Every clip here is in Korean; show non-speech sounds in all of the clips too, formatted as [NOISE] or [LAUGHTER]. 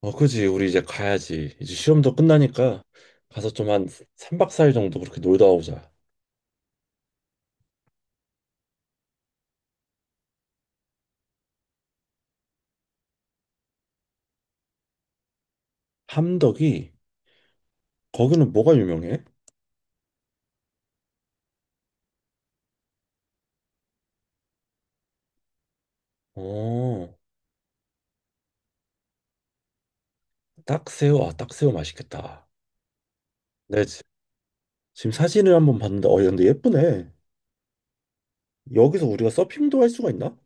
어, 그지. 우리 이제 가야지. 이제 시험도 끝나니까 가서 좀 한 3박 4일 정도 그렇게 놀다 오자. 함덕이 거기는 뭐가 유명해? 어, 딱새우. 아, 딱새우 맛있겠다. 네, 지금 사진을 한번 봤는데 근데 예쁘네. 여기서 우리가 서핑도 할 수가 있나?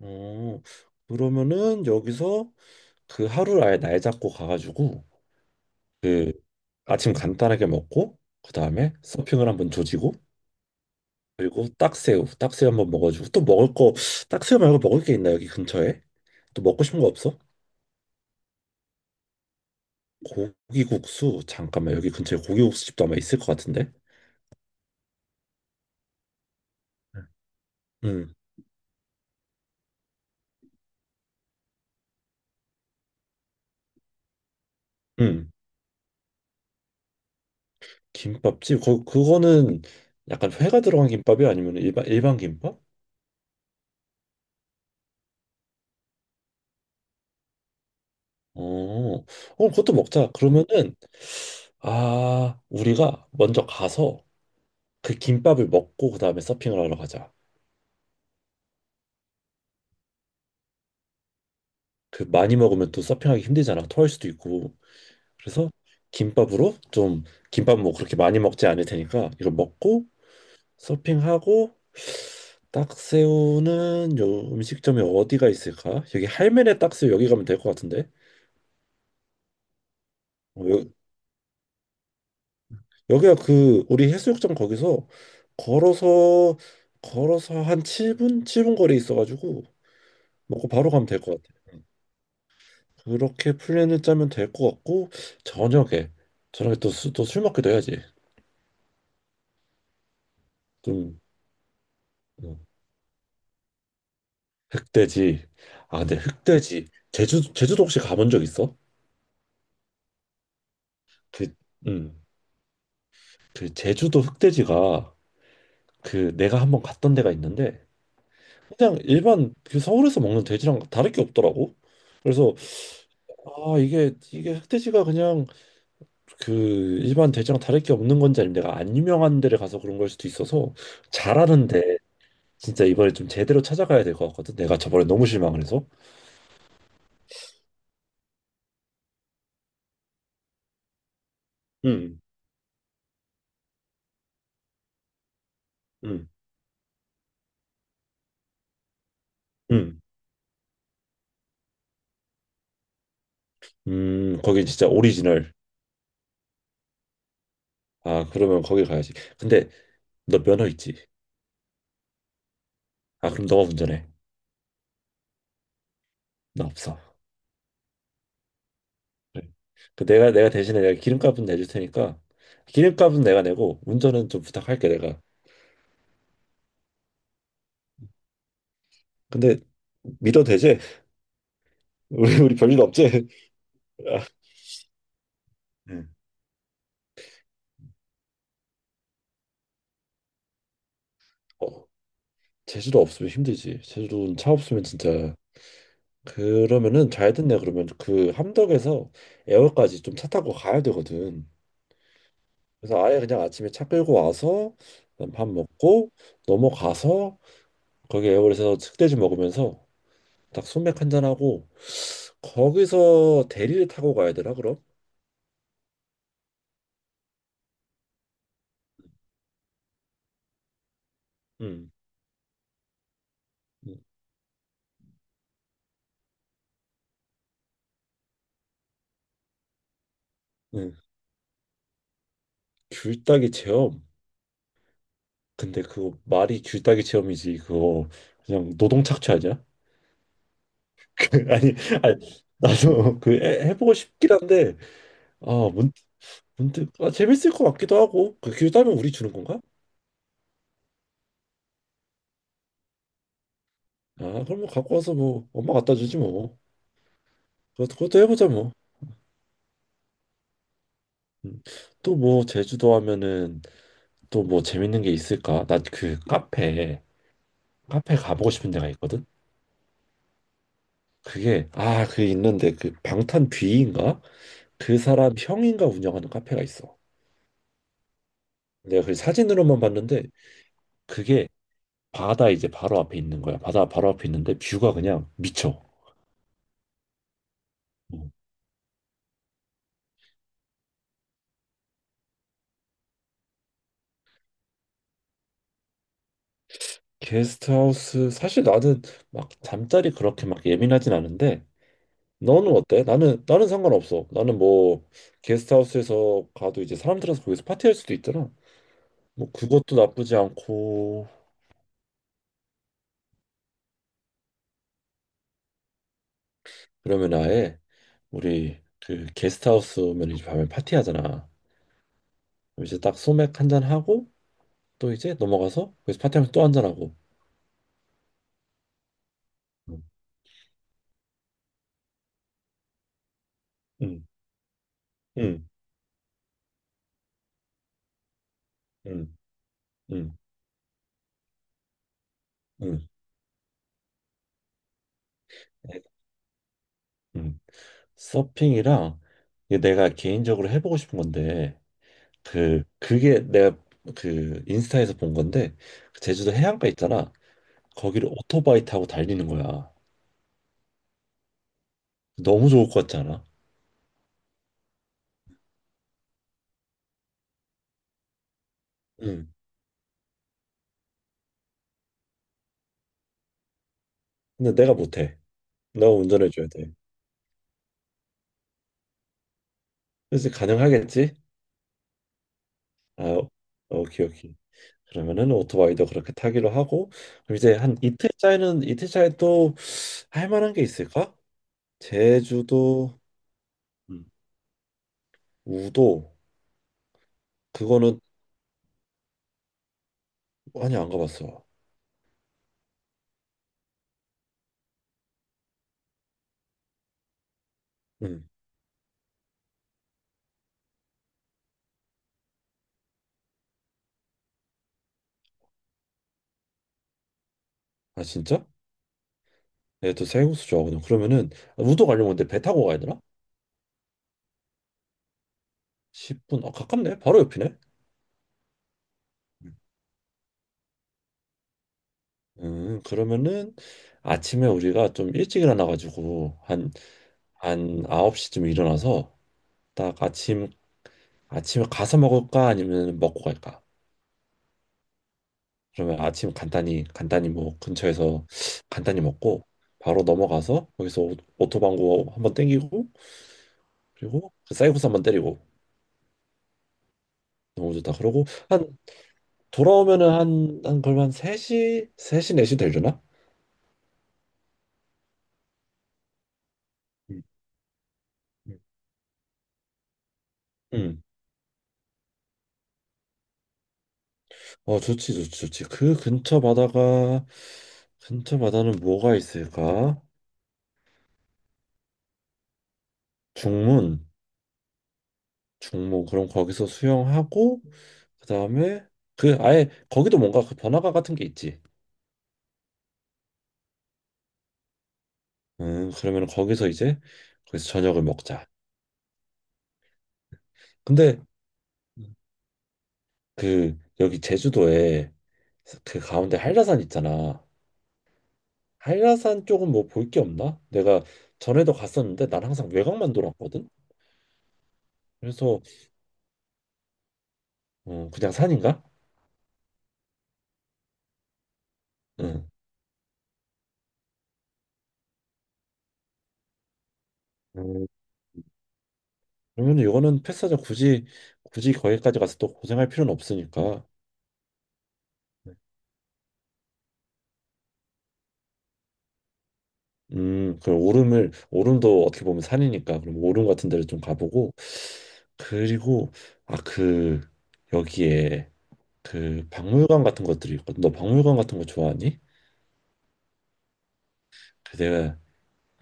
어, 그러면은 여기서 그 하루를 아예 날 잡고 가가지고 그 아침 간단하게 먹고 그다음에 서핑을 한번 조지고 그리고 딱새우, 딱새우 한번 먹어주고 또 먹을 거, 딱새우 말고 먹을 게 있나 여기 근처에? 또 먹고 싶은 거 없어? 고기국수 잠깐만 여기 근처에 고기국수집도 아마 있을 것 같은데? 응, 응. 김밥집 그거는 약간 회가 들어간 김밥이 아니면 일반 김밥? 어, 어, 그것도 먹자. 그러면은 우리가 먼저 가서 그 김밥을 먹고 그 다음에 서핑을 하러 가자. 그 많이 먹으면 또 서핑하기 힘들잖아. 토할 수도 있고. 그래서 김밥으로 좀 김밥 뭐 그렇게 많이 먹지 않을 테니까 이거 먹고 서핑하고 딱새우는 요 음식점이 어디가 있을까? 여기 할매네 딱새우 여기 가면 될 것 같은데. 어, 여기가 그 우리 해수욕장 거기서 걸어서 걸어서 한 7분 거리에 있어가지고 먹고 바로 가면 될 것 같아. 응. 그렇게 플랜을 짜면 될 것 같고 저녁에 저녁에 또 술 먹기도 해야지. 좀. 응. 흑돼지. 아, 근데 흑돼지. 제주도 혹시 가본 적 있어? 그, 음, 그 제주도 흑돼지가 그 내가 한번 갔던 데가 있는데 그냥 일반 그 서울에서 먹는 돼지랑 다를 게 없더라고. 그래서 아, 이게 흑돼지가 그냥 그 일반 돼지랑 다를 게 없는 건지 아니면 내가 안 유명한 데를 가서 그런 걸 수도 있어서 잘하는데 진짜 이번에 좀 제대로 찾아가야 될 것 같거든. 내가 저번에 너무 실망을 해서. 음, 음, 음. 거긴 진짜 오리지널. 아, 그러면 거기 가야지. 근데 너 면허 있지? 아, 그럼 너가 운전해. 나 없어. 그래. 그 내가 대신에 내가 기름값은 내줄 테니까 기름값은 내가 내고 운전은 좀 부탁할게 내가. 근데 믿어도 되지? [LAUGHS] 우리 별일 없지? [LAUGHS] 아, 응. 어, 제주도 없으면 힘들지. 제주도는 차 없으면 진짜. 그러면은 잘 됐네. 그러면 그 함덕에서 애월까지 좀 차 타고 가야 되거든. 그래서 아예 그냥 아침에 차 끌고 와서 밥 먹고 넘어가서 거기 에어홀에서 흑돼지 먹으면서 딱 소맥 한 잔하고 거기서 대리를 타고 가야 되나 그럼? 응. 응. 응. 귤따기 체험. 근데 그거 말이 귤따기 체험이지 그거 그냥 노동 착취 아니야? [LAUGHS] 그, 아니 나도 그 해보고 싶긴 한데 아 문, 문득 아, 재밌을 것 같기도 하고 그 귤 따면 우리 주는 건가? 아, 그럼 뭐 갖고 와서 뭐 엄마 갖다 주지 뭐 그것도 해보자 뭐. 음. 또뭐 제주도 하면은 또 뭐 재밌는 게 있을까? 나 그 카페 가보고 싶은 데가 있거든. 그게 그 있는데 그 방탄 뷔인가? 그 사람 형인가 운영하는 카페가 있어. 내가 그 사진으로만 봤는데 그게 바다 이제 바로 앞에 있는 거야. 바다 바로 앞에 있는데 뷰가 그냥 미쳐. 음. 게스트하우스 사실 나는 막 잠자리 그렇게 막 예민하진 않은데 너는 어때? 나는 나는 상관없어. 나는 뭐 게스트하우스에서 가도 이제 사람 들어서 거기서 파티할 수도 있잖아. 뭐 그것도 나쁘지 않고 그러면 아예 우리 그 게스트하우스면 이제 밤에 파티하잖아. 그럼 이제 딱 소맥 한 잔 하고 또 이제 넘어가서 거기서 파티하면서 또 한 잔 하고. 응, 응, 응, 응, 응, 응. 서핑이랑 이게 내가 개인적으로 해보고 싶은 건데 그게 내가 그 인스타에서 본 건데 그 제주도 해안가 있잖아. 거기를 오토바이 타고 달리는 거야. 너무 좋을 것 같지 않아? 응. 근데 내가 못해. 너가 운전해줘야 돼. 그래서 가능하겠지? 아, 어, 오케이, 오케이. 그러면은 오토바이도 그렇게 타기로 하고 그럼 이제 한 이틀 차에는 이틀 차에 또 할 만한 게 있을까? 제주도, 음, 우도 그거는 많이 안 가봤어. 음. 아 진짜? 내가 또 쌀국수 좋아하거든. 그러면은 아, 우도 가려면 근데 배 타고 가야 되나? 10분. 아, 가깝네. 바로 옆이네. 음, 그러면은 아침에 우리가 좀 일찍 일어나가지고 한 9시쯤 일어나서 딱 아침에 가서 먹을까 아니면 먹고 갈까? 그러면 아침 간단히 뭐 근처에서 간단히 먹고 바로 넘어가서 거기서 오토방구 한번 땡기고 그리고 그 쌀국수 한번 때리고 너무 좋다. 그러고 한 돌아오면은 한 걸만 한 3시 4시 되려나? 음, 음. 응. 어, 좋지 좋지 좋지. 근처 바다는 뭐가 있을까? 중문 중문 그럼 거기서 수영하고 그다음에 그 아예 거기도 뭔가 그 번화가 같은 게 있지. 그러면 거기서 이제 거기서 저녁을 먹자. 근데 그 여기 제주도에 그 가운데 한라산 있잖아. 한라산 쪽은 뭐 볼 게 없나? 내가 전에도 갔었는데 난 항상 외곽만 돌았거든. 그래서 어, 그냥 산인가? 응. 음, 그러면 이거는 패스하자. 굳이 거기까지 가서 또 고생할 필요는 없으니까. 그럼 오름을 오름도 어떻게 보면 산이니까 그럼 오름 같은 데를 좀 가보고 그리고 그 여기에 그 박물관 같은 것들이 있거든. 너 박물관 같은 거 좋아하니? 그 내가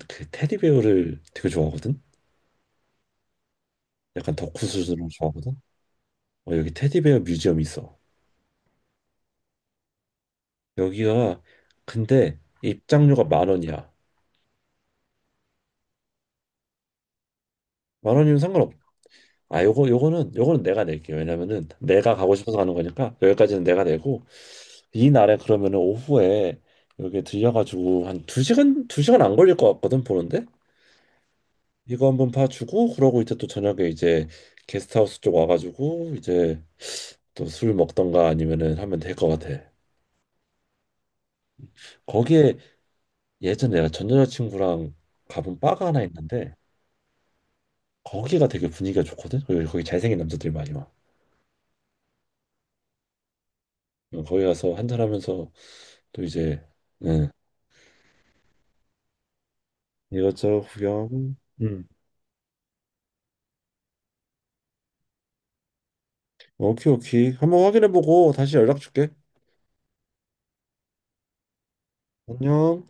그 테디베어를 되게 좋아하거든. 약간 덕후 수준으로 좋아하거든. 어, 여기 테디베어 뮤지엄이 있어. 여기가 근데 입장료가 만 원이야. 만 원이면 상관없. 아, 요거는 내가 낼게. 요 왜냐면은 내가 가고 싶어서 가는 거니까 여기까지는 내가 내고 이날에 그러면은 오후에 여기 들려가지고 한 두 시간 안 걸릴 것 같거든 보는데 이거 한번 봐주고 그러고 이제 또 저녁에 이제 게스트하우스 쪽 와가지고 이제 또 술 먹던가 아니면은 하면 될 것 같아. 거기에 예전에 내가 전 여자친구랑 가본 바가 하나 있는데 거기가 되게 분위기가 좋거든. 거기 잘생긴 남자들이 많이 와. 어, 거기 가서 한잔하면서 또 이제 응. 이것저것 구경. 응. 오케이, 오케이, 한번 확인해보고 다시 연락 줄게. 안녕.